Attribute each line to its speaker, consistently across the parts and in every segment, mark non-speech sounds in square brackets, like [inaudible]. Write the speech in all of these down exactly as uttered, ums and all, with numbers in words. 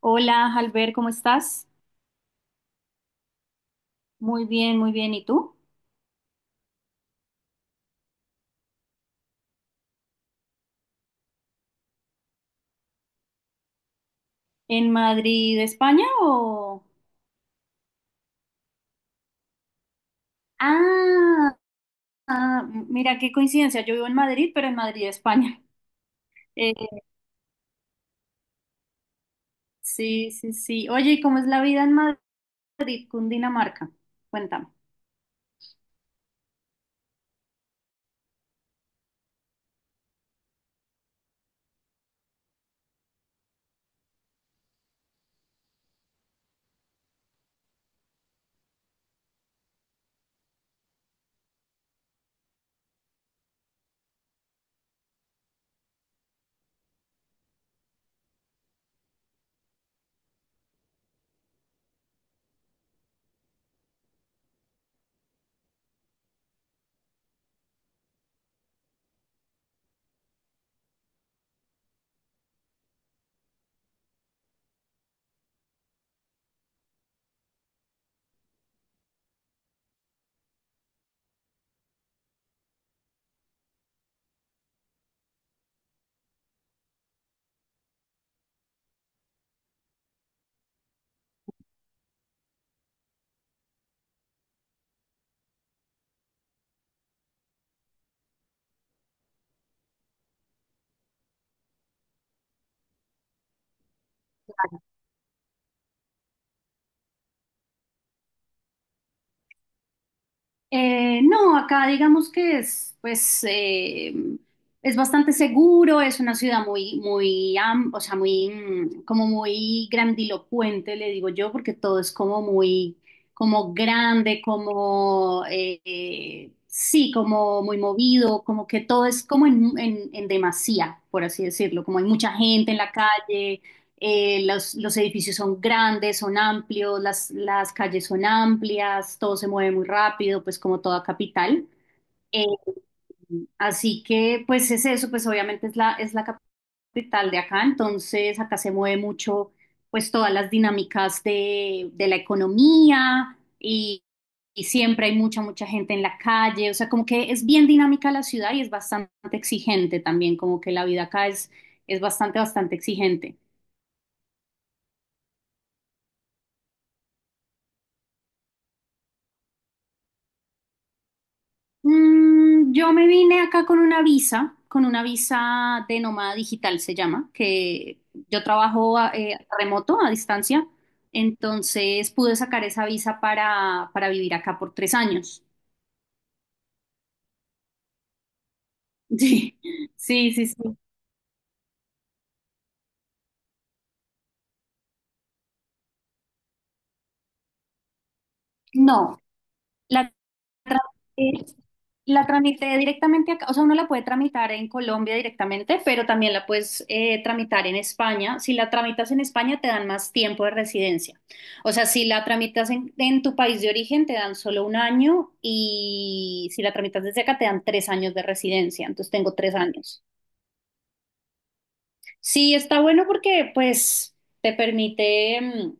Speaker 1: Hola, Albert, ¿cómo estás? Muy bien, muy bien. ¿Y tú? ¿En Madrid, España o...? Ah, ah, mira qué coincidencia. Yo vivo en Madrid, pero en Madrid, España. [laughs] Eh, sí, sí, sí. Oye, ¿y cómo es la vida en Madrid, Cundinamarca? Cuéntame. Eh, no, acá digamos que es, pues, eh, es bastante seguro, es una ciudad muy, muy, am- o sea, muy, mm, como muy grandilocuente, le digo yo, porque todo es como muy, como grande, como, eh, eh, sí, como muy movido, como que todo es como en, en, en demasía, por así decirlo, como hay mucha gente en la calle, eh, los, los edificios son grandes, son amplios, las, las calles son amplias, todo se mueve muy rápido, pues como toda capital. Eh, así que pues es eso, pues obviamente es la, es la capital de acá, entonces acá se mueve mucho pues todas las dinámicas de, de la economía y, y siempre hay mucha, mucha gente en la calle, o sea, como que es bien dinámica la ciudad y es bastante exigente también, como que la vida acá es, es bastante, bastante exigente. Mm, yo me vine acá con una visa, con una visa de nómada digital se llama, que yo trabajo a- eh, remoto, a distancia, entonces pude sacar esa visa para, para vivir acá por tres años. [laughs] Sí, sí, sí, sí. No, la tramité- la tramité directamente acá, o sea, uno la puede tramitar en Colombia directamente, pero también la puedes eh, tramitar en España. Si la tramitas en España, te dan más tiempo de residencia. O sea, si la tramitas en, en tu país de origen, te dan solo un año y si la tramitas desde acá, te dan tres años de residencia. Entonces tengo tres años. Sí, está bueno porque pues te permite, mm,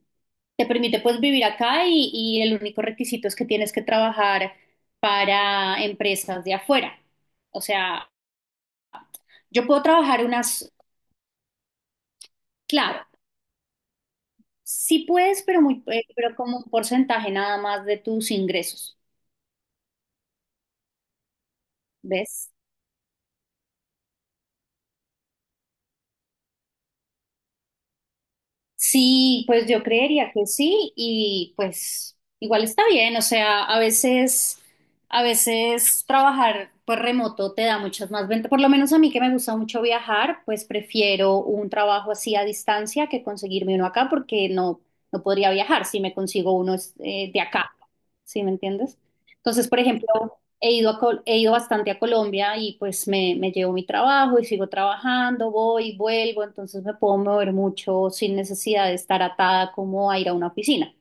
Speaker 1: te permite pues vivir acá y, y el único requisito es que tienes que trabajar para empresas de afuera. O sea, yo puedo trabajar unas, claro, sí puedes, pero muy, eh, pero como un porcentaje nada más de tus ingresos, ¿ves? Sí, pues yo creería que sí y pues igual está bien, o sea, a veces, a veces trabajar pues remoto te da muchas más ventajas, por lo menos a mí que me gusta mucho viajar, pues prefiero un trabajo así a distancia que conseguirme uno acá porque no, no podría viajar si me consigo uno eh, de acá, ¿sí me entiendes? Entonces, por ejemplo, He ido, a Col- he ido bastante a Colombia y pues me, me llevo mi trabajo y sigo trabajando, voy, vuelvo, entonces me puedo mover mucho sin necesidad de estar atada como a ir a una oficina.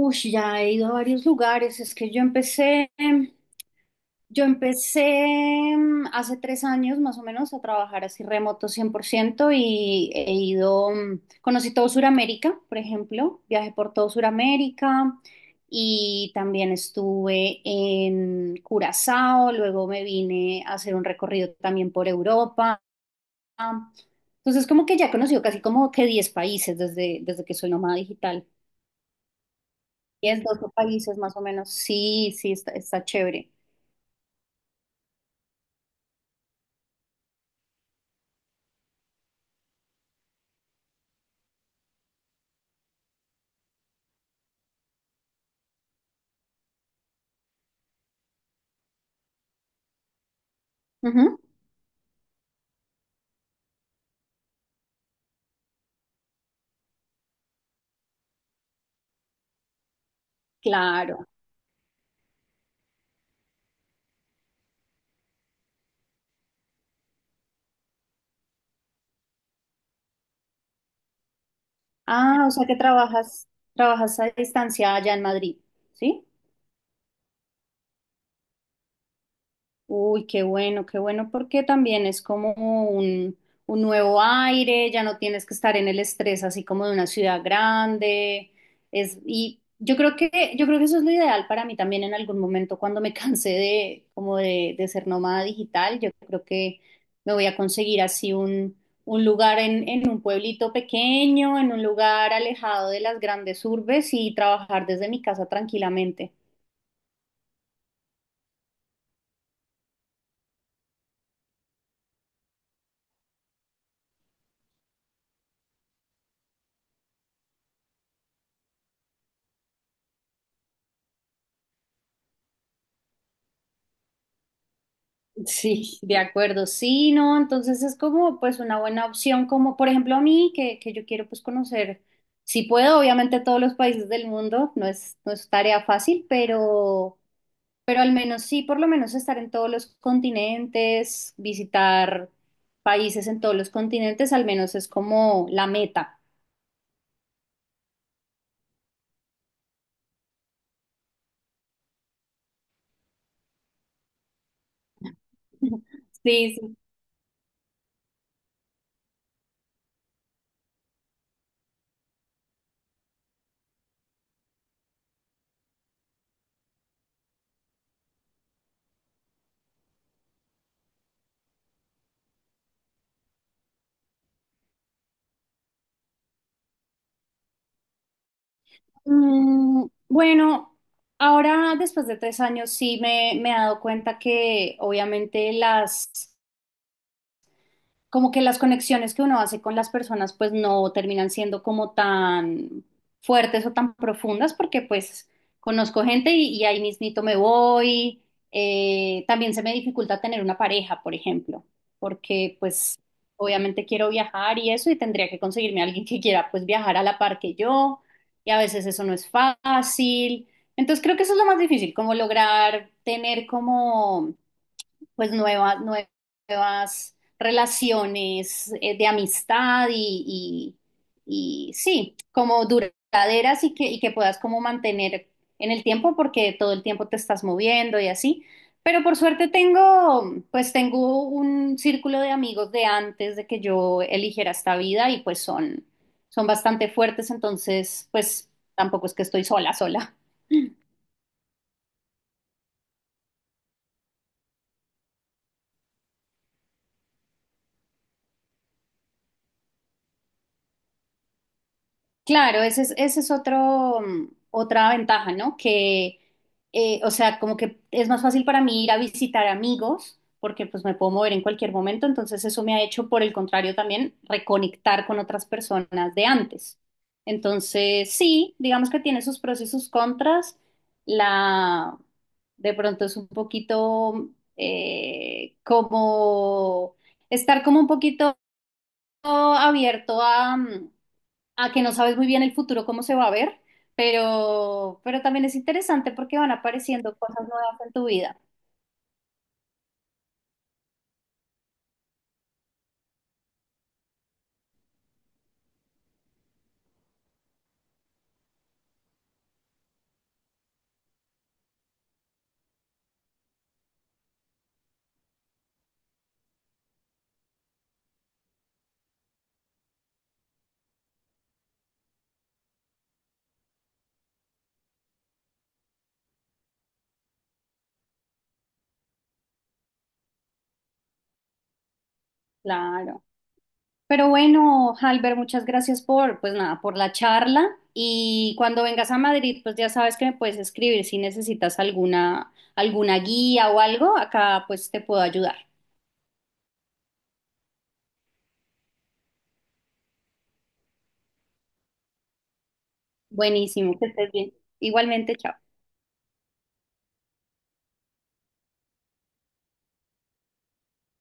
Speaker 1: Uy, ya he ido a varios lugares. Es que yo empecé, yo empecé mm, hace tres años más o menos a trabajar así remoto cien por ciento y he ido, mm, conocí todo Sudamérica, por ejemplo, viajé por todo Sudamérica y también estuve en Curazao, luego me vine a hacer un recorrido también por Europa. Entonces, como que ya he conocido casi como que diez países desde, desde que soy nómada digital. diez, doce países más o menos. Sí, sí, está, está chévere. Ujú, claro. Ah, o sea que trabajas, trabajas a distancia allá en Madrid, ¿sí? Uy, qué bueno, qué bueno, porque también es como un, un nuevo aire, ya no tienes que estar en el estrés así como de una ciudad grande. Es, y yo creo que, yo creo que eso es lo ideal para mí también en algún momento cuando me [laughs] cansé de, como de, de ser nómada digital. Yo creo que me voy a conseguir así un, un lugar en, en un pueblito pequeño, en un lugar alejado de las grandes urbes y trabajar desde mi casa tranquilamente. Sí, de acuerdo. Sí, no, entonces es como pues una buena opción, como por ejemplo a mí, que, que yo quiero pues conocer, si puedo, obviamente todos los países del mundo, no es, no es tarea fácil, pero, pero al menos sí, por lo menos estar en todos los continentes, visitar países en todos los continentes, al menos es como la meta. [laughs] Sí, sí. Mm, bueno, ahora después de tres años sí me, me he dado cuenta que obviamente las como que las conexiones que uno hace con las personas pues no terminan siendo como tan fuertes o tan profundas porque pues conozco gente y, y ahí mismito me voy. Eh, también se me dificulta tener una pareja, por ejemplo, porque pues obviamente quiero viajar y eso y tendría que conseguirme a alguien que quiera pues viajar a la par que yo y a veces eso no es fácil. Entonces creo que eso es lo más difícil, como lograr tener como pues nuevas, nuevas relaciones eh, de amistad y, y- y sí, como duraderas y que, y que puedas como mantener en el tiempo porque todo el tiempo te estás moviendo y así. Pero por suerte tengo, pues tengo un círculo de amigos de antes de que yo eligiera esta vida y pues son, son bastante fuertes, entonces pues tampoco es que estoy sola, sola. Claro, ese es, ese es otro, mm, otra ventaja, ¿no? Que, eh, o sea, como que es más fácil para mí ir a visitar amigos, porque pues me puedo mover en cualquier momento, entonces eso me ha hecho, por el contrario, también reconectar con otras personas de antes. Entonces, sí, digamos que tiene sus pros y sus contras. La, de pronto es un poquito eh, como estar como un poquito abierto a, mm, a que no sabes muy bien el futuro cómo se va a ver, pero, pero también es interesante porque van apareciendo cosas nuevas en tu vida. Claro. Pero bueno, Halber, muchas gracias por, pues nada, por la charla. Y cuando vengas a Madrid, pues ya sabes que me puedes escribir si necesitas alguna, alguna guía o algo, acá pues te puedo ayudar. Buenísimo, que estés bien. Igualmente, chao.